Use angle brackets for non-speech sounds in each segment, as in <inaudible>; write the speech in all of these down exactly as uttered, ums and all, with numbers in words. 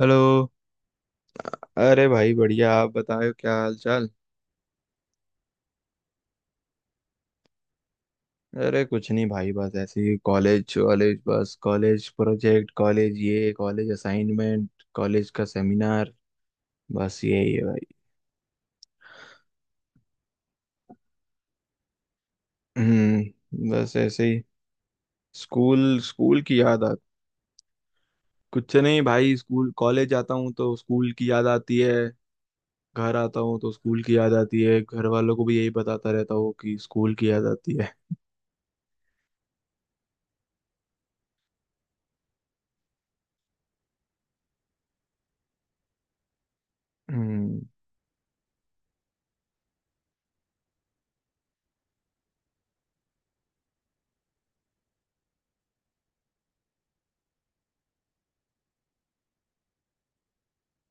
Hello. अरे भाई बढ़िया, आप बताओ क्या हाल चाल। अरे कुछ नहीं भाई, बस ऐसे ही कॉलेज कॉलेज, बस कॉलेज प्रोजेक्ट, कॉलेज ये कॉलेज असाइनमेंट, कॉलेज का सेमिनार। बस यही है भाई। हम्म, बस ऐसे ही। स्कूल स्कूल की याद आ। कुछ नहीं भाई, स्कूल कॉलेज जाता हूँ तो स्कूल की याद आती है। घर आता हूँ तो स्कूल की याद आती है, घर वालों को भी यही बताता रहता हूँ कि स्कूल की याद आती है। हम्म,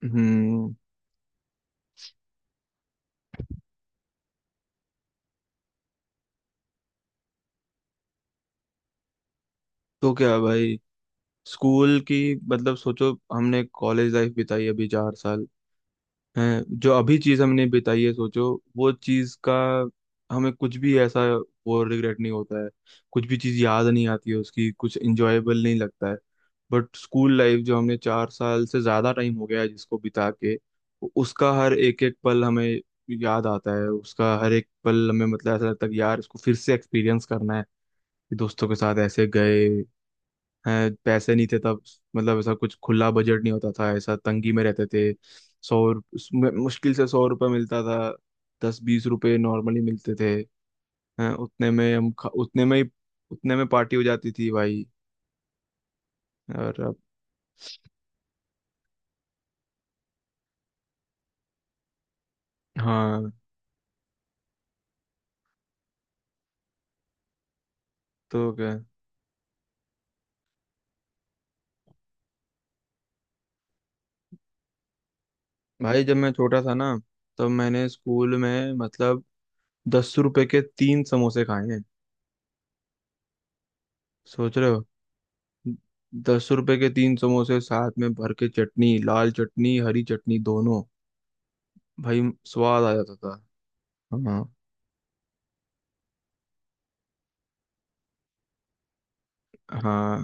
हम्म। तो क्या भाई, स्कूल की, मतलब सोचो हमने कॉलेज लाइफ बिताई अभी चार साल हैं, जो अभी चीज हमने बिताई है, सोचो वो चीज का हमें कुछ भी ऐसा वो रिग्रेट नहीं होता है। कुछ भी चीज याद नहीं आती है उसकी, कुछ इंजॉयबल नहीं लगता है। बट स्कूल लाइफ जो हमने चार साल से ज्यादा टाइम हो गया है जिसको बिता के, उसका हर एक एक पल हमें याद आता है। उसका हर एक पल हमें, मतलब ऐसा लगता है कि यार इसको फिर से एक्सपीरियंस करना है, कि दोस्तों के साथ ऐसे गए। हैं, पैसे नहीं थे तब, मतलब ऐसा कुछ खुला बजट नहीं होता था, ऐसा तंगी में रहते थे। सौ रुप- उसमें मुश्किल से सौ रुपये मिलता था। दस बीस रुपए नॉर्मली मिलते थे। हैं, उतने में हम खा- उतने में ही। उतने में पार्टी हो जाती थी भाई। और अब। हाँ। तो क्या भाई, जब मैं छोटा था ना, तब मैंने स्कूल में मतलब दस रुपए के तीन समोसे खाए हैं। सोच रहे हो, दस रुपए के तीन समोसे, साथ में भर के चटनी, लाल चटनी हरी चटनी दोनों। भाई स्वाद आ जाता था। हाँ, हाँ।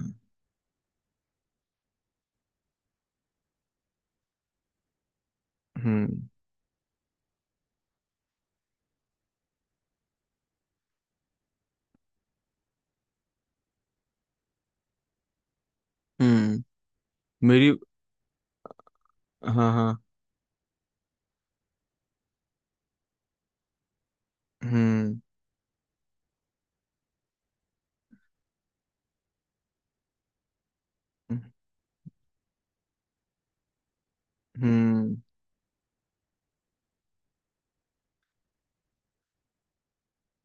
हम्म, हम्म। मेरी, हाँ हाँ। हम्म, हम्म,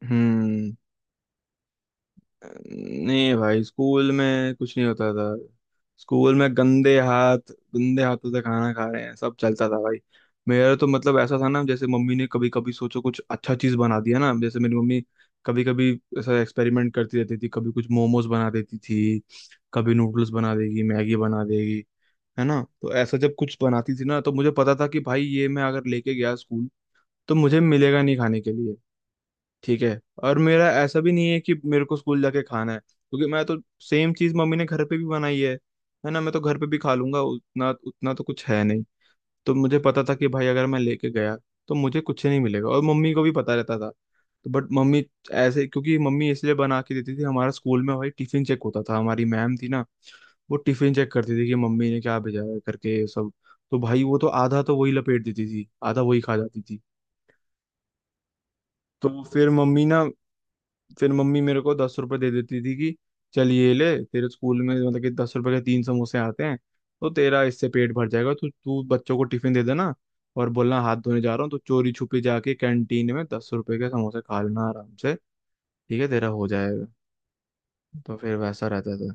हम्म। नहीं भाई स्कूल में कुछ नहीं होता था। स्कूल में गंदे हाथ, गंदे हाथों से खाना खा रहे हैं, सब चलता था भाई। मेरा तो मतलब ऐसा था ना, जैसे मम्मी ने कभी कभी सोचो कुछ अच्छा चीज बना दिया ना, जैसे मेरी मम्मी कभी कभी ऐसा एक्सपेरिमेंट करती रहती थी। कभी कुछ मोमोज बना देती थी, कभी नूडल्स बना देगी, मैगी बना देगी। है ना, तो ऐसा जब कुछ बनाती थी ना, तो मुझे पता था कि भाई ये मैं अगर लेके गया स्कूल, तो मुझे मिलेगा नहीं खाने के लिए। ठीक है, और मेरा ऐसा भी नहीं है कि मेरे को स्कूल जाके खाना है, क्योंकि मैं तो सेम चीज मम्मी ने घर पे भी बनाई है। है ना, मैं तो घर पे भी खा लूंगा, उतना उतना तो कुछ है नहीं। तो मुझे पता था कि भाई अगर मैं लेके गया, तो मुझे कुछ नहीं मिलेगा, और मम्मी को भी पता रहता था। तो बट मम्मी ऐसे, क्योंकि मम्मी इसलिए बना के देती थी, हमारा स्कूल में भाई टिफिन चेक होता था। हमारी मैम थी ना, वो टिफिन चेक करती थी कि मम्मी ने क्या भेजा है करके ये सब। तो भाई वो तो आधा तो वही लपेट देती थी, आधा वही खा जाती थी। तो फिर मम्मी ना, फिर मम्मी मेरे को दस रुपए दे देती थी कि चल ये ले, तेरे स्कूल में मतलब कि दस रुपए के तीन समोसे आते हैं, तो तेरा इससे पेट भर जाएगा, तो तू बच्चों को टिफिन दे देना, और बोलना हाथ धोने जा रहा हूँ, तो चोरी छुपे जाके कैंटीन में दस रुपए के समोसे खा लेना आराम से। ठीक है, तेरा हो जाएगा। तो फिर वैसा रहता था।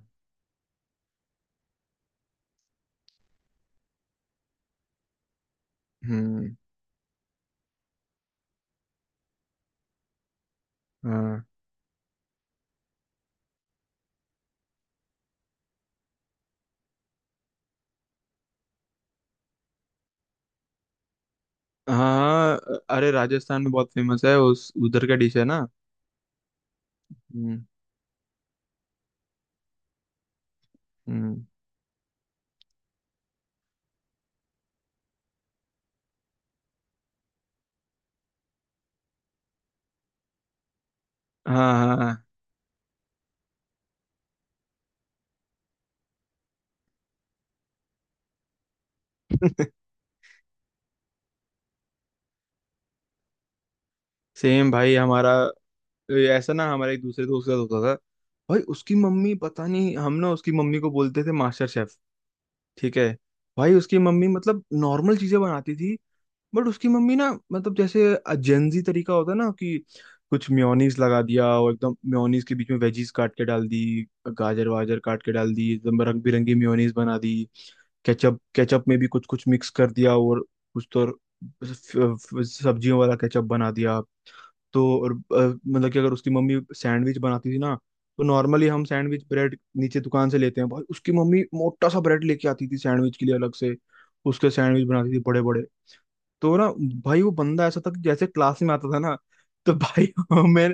हम्म। हाँ हाँ, अरे राजस्थान में बहुत फेमस है, उस उधर का डिश है ना। हम्म, हम्म। हाँ हाँ, सेम <laughs> भाई हमारा, ये ऐसा ना हमारे एक दूसरे दोस्त का होता था। भाई उसकी मम्मी पता नहीं, हम ना उसकी मम्मी को बोलते थे मास्टर शेफ। ठीक है, भाई उसकी मम्मी मतलब नॉर्मल चीजें बनाती थी। बट उसकी मम्मी ना मतलब जैसे जेंजी तरीका होता है ना, कि कुछ मेयोनीज लगा दिया, और एकदम मेयोनीज के बीच में वेजीज काट के डाल दी, गाजर वाजर काट के डाल दी, एकदम रंग बिरंगी मेयोनीज बना दी। केचप केचप में भी कुछ कुछ मिक्स कर दिया, और कुछ तो और फ- फ- सब्जियों वाला केचप बना दिया। तो और अ, मतलब कि अगर उसकी मम्मी सैंडविच बनाती थी ना, तो नॉर्मली हम सैंडविच ब्रेड नीचे दुकान से लेते हैं, भाई उसकी मम्मी मोटा सा ब्रेड लेके आती थी सैंडविच के लिए अलग से। उसके सैंडविच बनाती थी बड़े बड़े। तो ना, भाई वो बंदा ऐसा था कि जैसे क्लास में आता था ना, तो भाई <laughs> हमें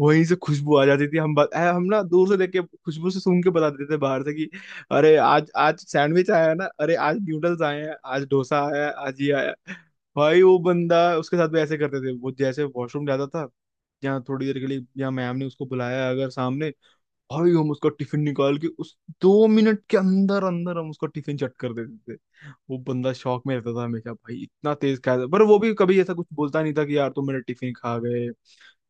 वहीं से खुशबू आ जाती थी। हम बत, ऐ, हम ना दूर से देख के खुशबू से सूंघ के बता देते थे बाहर से कि अरे आज आज सैंडविच आया है ना, अरे आज न्यूडल्स आए हैं, आज डोसा आया है, आज ये आया है। भाई वो बंदा उसके साथ भी ऐसे करते थे, वो जैसे वॉशरूम जाता था, या थोड़ी देर के लिए, या मैम ने उसको बुलाया अगर सामने, भाई हम उसका टिफिन निकाल के, उस दो मिनट के अंदर अंदर हम उसका टिफिन चट कर देते थे। वो बंदा शौक में रहता था हमेशा, भाई इतना तेज खाया था, पर वो भी कभी ऐसा कुछ बोलता नहीं था कि यार तुम मेरा टिफिन खा गए,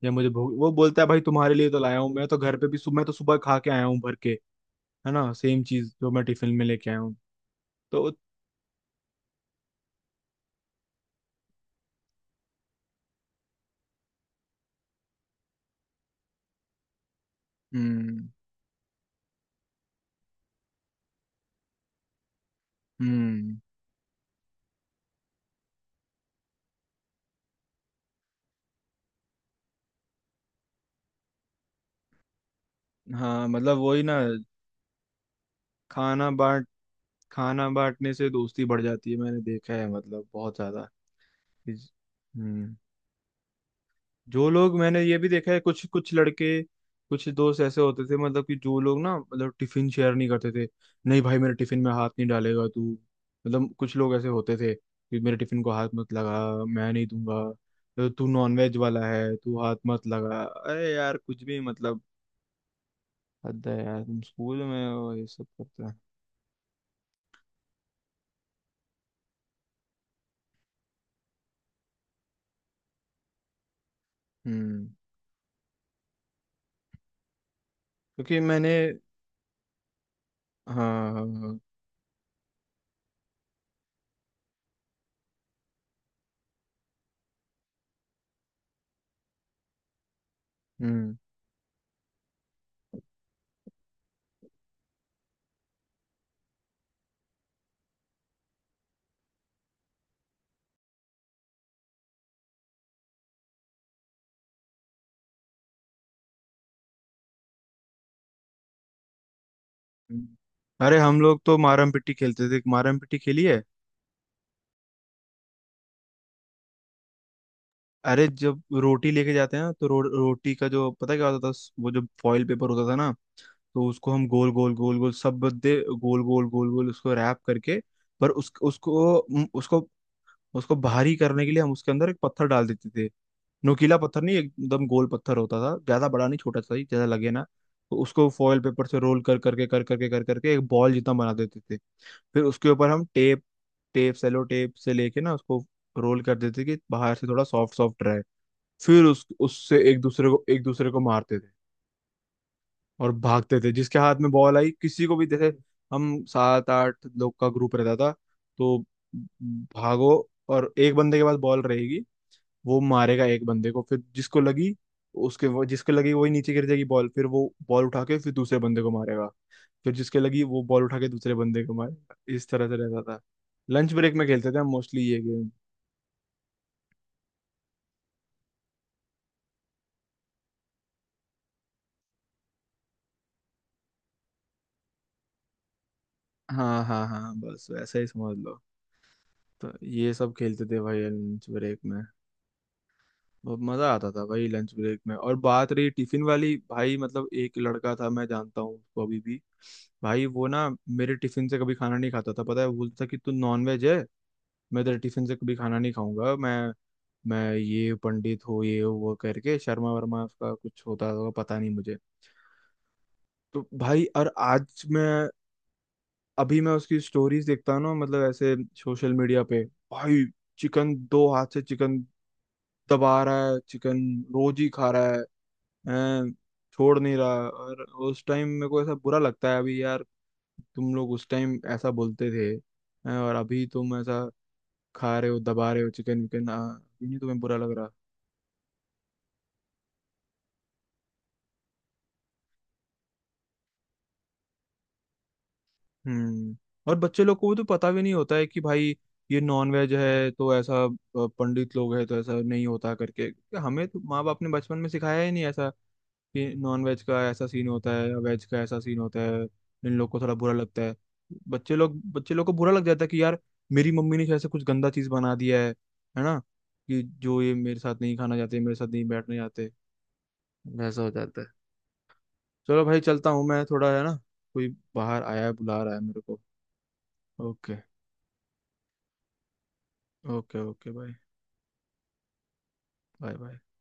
या मुझे भूख। वो बोलता है भाई, तुम्हारे लिए तो लाया हूँ, मैं तो घर पे भी सुबह, मैं तो सुबह खा के आया हूँ भर के, है ना सेम चीज जो मैं टिफिन में लेके आया हूँ। तो हम्म, हम्म। हाँ मतलब वही ना, खाना बांट, खाना बांटने से दोस्ती बढ़ जाती है, मैंने देखा है मतलब बहुत ज्यादा। इस- हम्म, जो लोग, मैंने ये भी देखा है, कुछ कुछ लड़के, कुछ दोस्त ऐसे होते थे मतलब कि, जो लोग ना मतलब टिफिन शेयर नहीं करते थे। नहीं भाई, मेरे टिफिन में हाथ नहीं डालेगा तू, मतलब कुछ लोग ऐसे होते थे कि मेरे टिफिन को हाथ मत लगा, मैं नहीं दूंगा। तो तू नॉनवेज वाला है, तू हाथ मत लगा, अरे यार कुछ भी मतलब, हद है यार, तुम स्कूल में हो ये सब करते हैं। हम्म, क्योंकि मैंने, हाँ हाँ, हाँ, हम्म, हम्म। अरे हम लोग तो मारम पिट्टी खेलते थे, मारम पिट्टी खेली है? अरे जब रोटी लेके जाते हैं ना, तो रो, रोटी का जो पता है क्या होता था, वो जो फॉइल पेपर होता था ना, तो उसको हम गोल गोल गोल गोल, सब बदे गोल गोल गोल गोल उसको रैप करके, पर उस उसको उम, उसको उसको भारी करने के लिए हम उसके अंदर एक पत्थर डाल देते थे। नोकीला पत्थर नहीं, एकदम गोल पत्थर होता था, ज्यादा बड़ा नहीं, छोटा सा ही, ज्यादा लगे ना। तो उसको फॉइल पेपर से रोल कर करके कर करके कर करके एक बॉल जितना बना देते थे। फिर उसके ऊपर हम टेप, टेप सेलो टेप से लेके ना उसको रोल कर देते थे कि बाहर से थोड़ा सॉफ्ट सॉफ्ट रहे। फिर उस उससे एक दूसरे को एक दूसरे को मारते थे, और भागते थे, जिसके हाथ में बॉल आई किसी को भी, जैसे हम सात आठ लोग का ग्रुप रहता था। तो भागो, और एक बंदे के पास बॉल रहेगी, वो मारेगा एक बंदे को, फिर जिसको लगी उसके, वो जिसको लगी वही नीचे गिर जाएगी बॉल, फिर वो बॉल उठा के फिर दूसरे बंदे को मारेगा। फिर जिसके लगी वो बॉल उठा के दूसरे बंदे को मारेगा, इस तरह से रहता था। लंच ब्रेक में खेलते थे हम मोस्टली ये गेम। हाँ हाँ हाँ, बस वैसा ही समझ लो। तो ये सब खेलते थे भाई लंच ब्रेक में। बहुत मजा आता था भाई लंच ब्रेक में। और बात रही टिफिन वाली, भाई मतलब एक लड़का था, मैं जानता हूँ उसको अभी भी, भाई वो ना मेरे टिफिन से कभी खाना नहीं खाता था। पता है, वो बोलता था कि तू नॉन वेज है, मैं तेरे टिफिन से कभी खाना नहीं खाऊंगा मैं। मैं ये पंडित हो, ये हो, वो करके, शर्मा वर्मा उसका कुछ होता होगा, पता नहीं मुझे। तो भाई, और आज मैं, अभी मैं उसकी स्टोरीज देखता हूँ ना, मतलब ऐसे सोशल मीडिया पे, भाई चिकन, दो हाथ से चिकन दबा रहा है चिकन, रोज ही खा रहा है। हैं, छोड़ नहीं रहा। और उस टाइम मेरे को ऐसा बुरा लगता है अभी, यार तुम लोग उस टाइम ऐसा बोलते थे, हैं, और अभी तुम ऐसा खा रहे हो, दबा रहे हो चिकन विकन, आ, ये नहीं तुम्हें बुरा लग रहा? हम्म, और बच्चे लोग को तो पता भी नहीं होता है कि भाई ये नॉन वेज है तो ऐसा, अ, पंडित लोग है तो ऐसा नहीं होता करके। हमें तो माँ बाप ने बचपन में सिखाया ही नहीं ऐसा, कि नॉन वेज का ऐसा सीन होता है या वेज का ऐसा सीन होता है, इन लोग को थोड़ा बुरा लगता है। बच्चे लोग, बच्चे लोग को बुरा लग जाता है कि यार, मेरी मम्मी ने शायद से कुछ गंदा चीज़ बना दिया है है ना, कि जो ये मेरे साथ नहीं खाना चाहते, मेरे साथ नहीं बैठने जाते, ऐसा हो जाता है। चलो भाई चलता हूँ मैं थोड़ा, है ना, कोई बाहर आया है बुला रहा है मेरे को। ओके, ओके ओके भाई। Bye bye.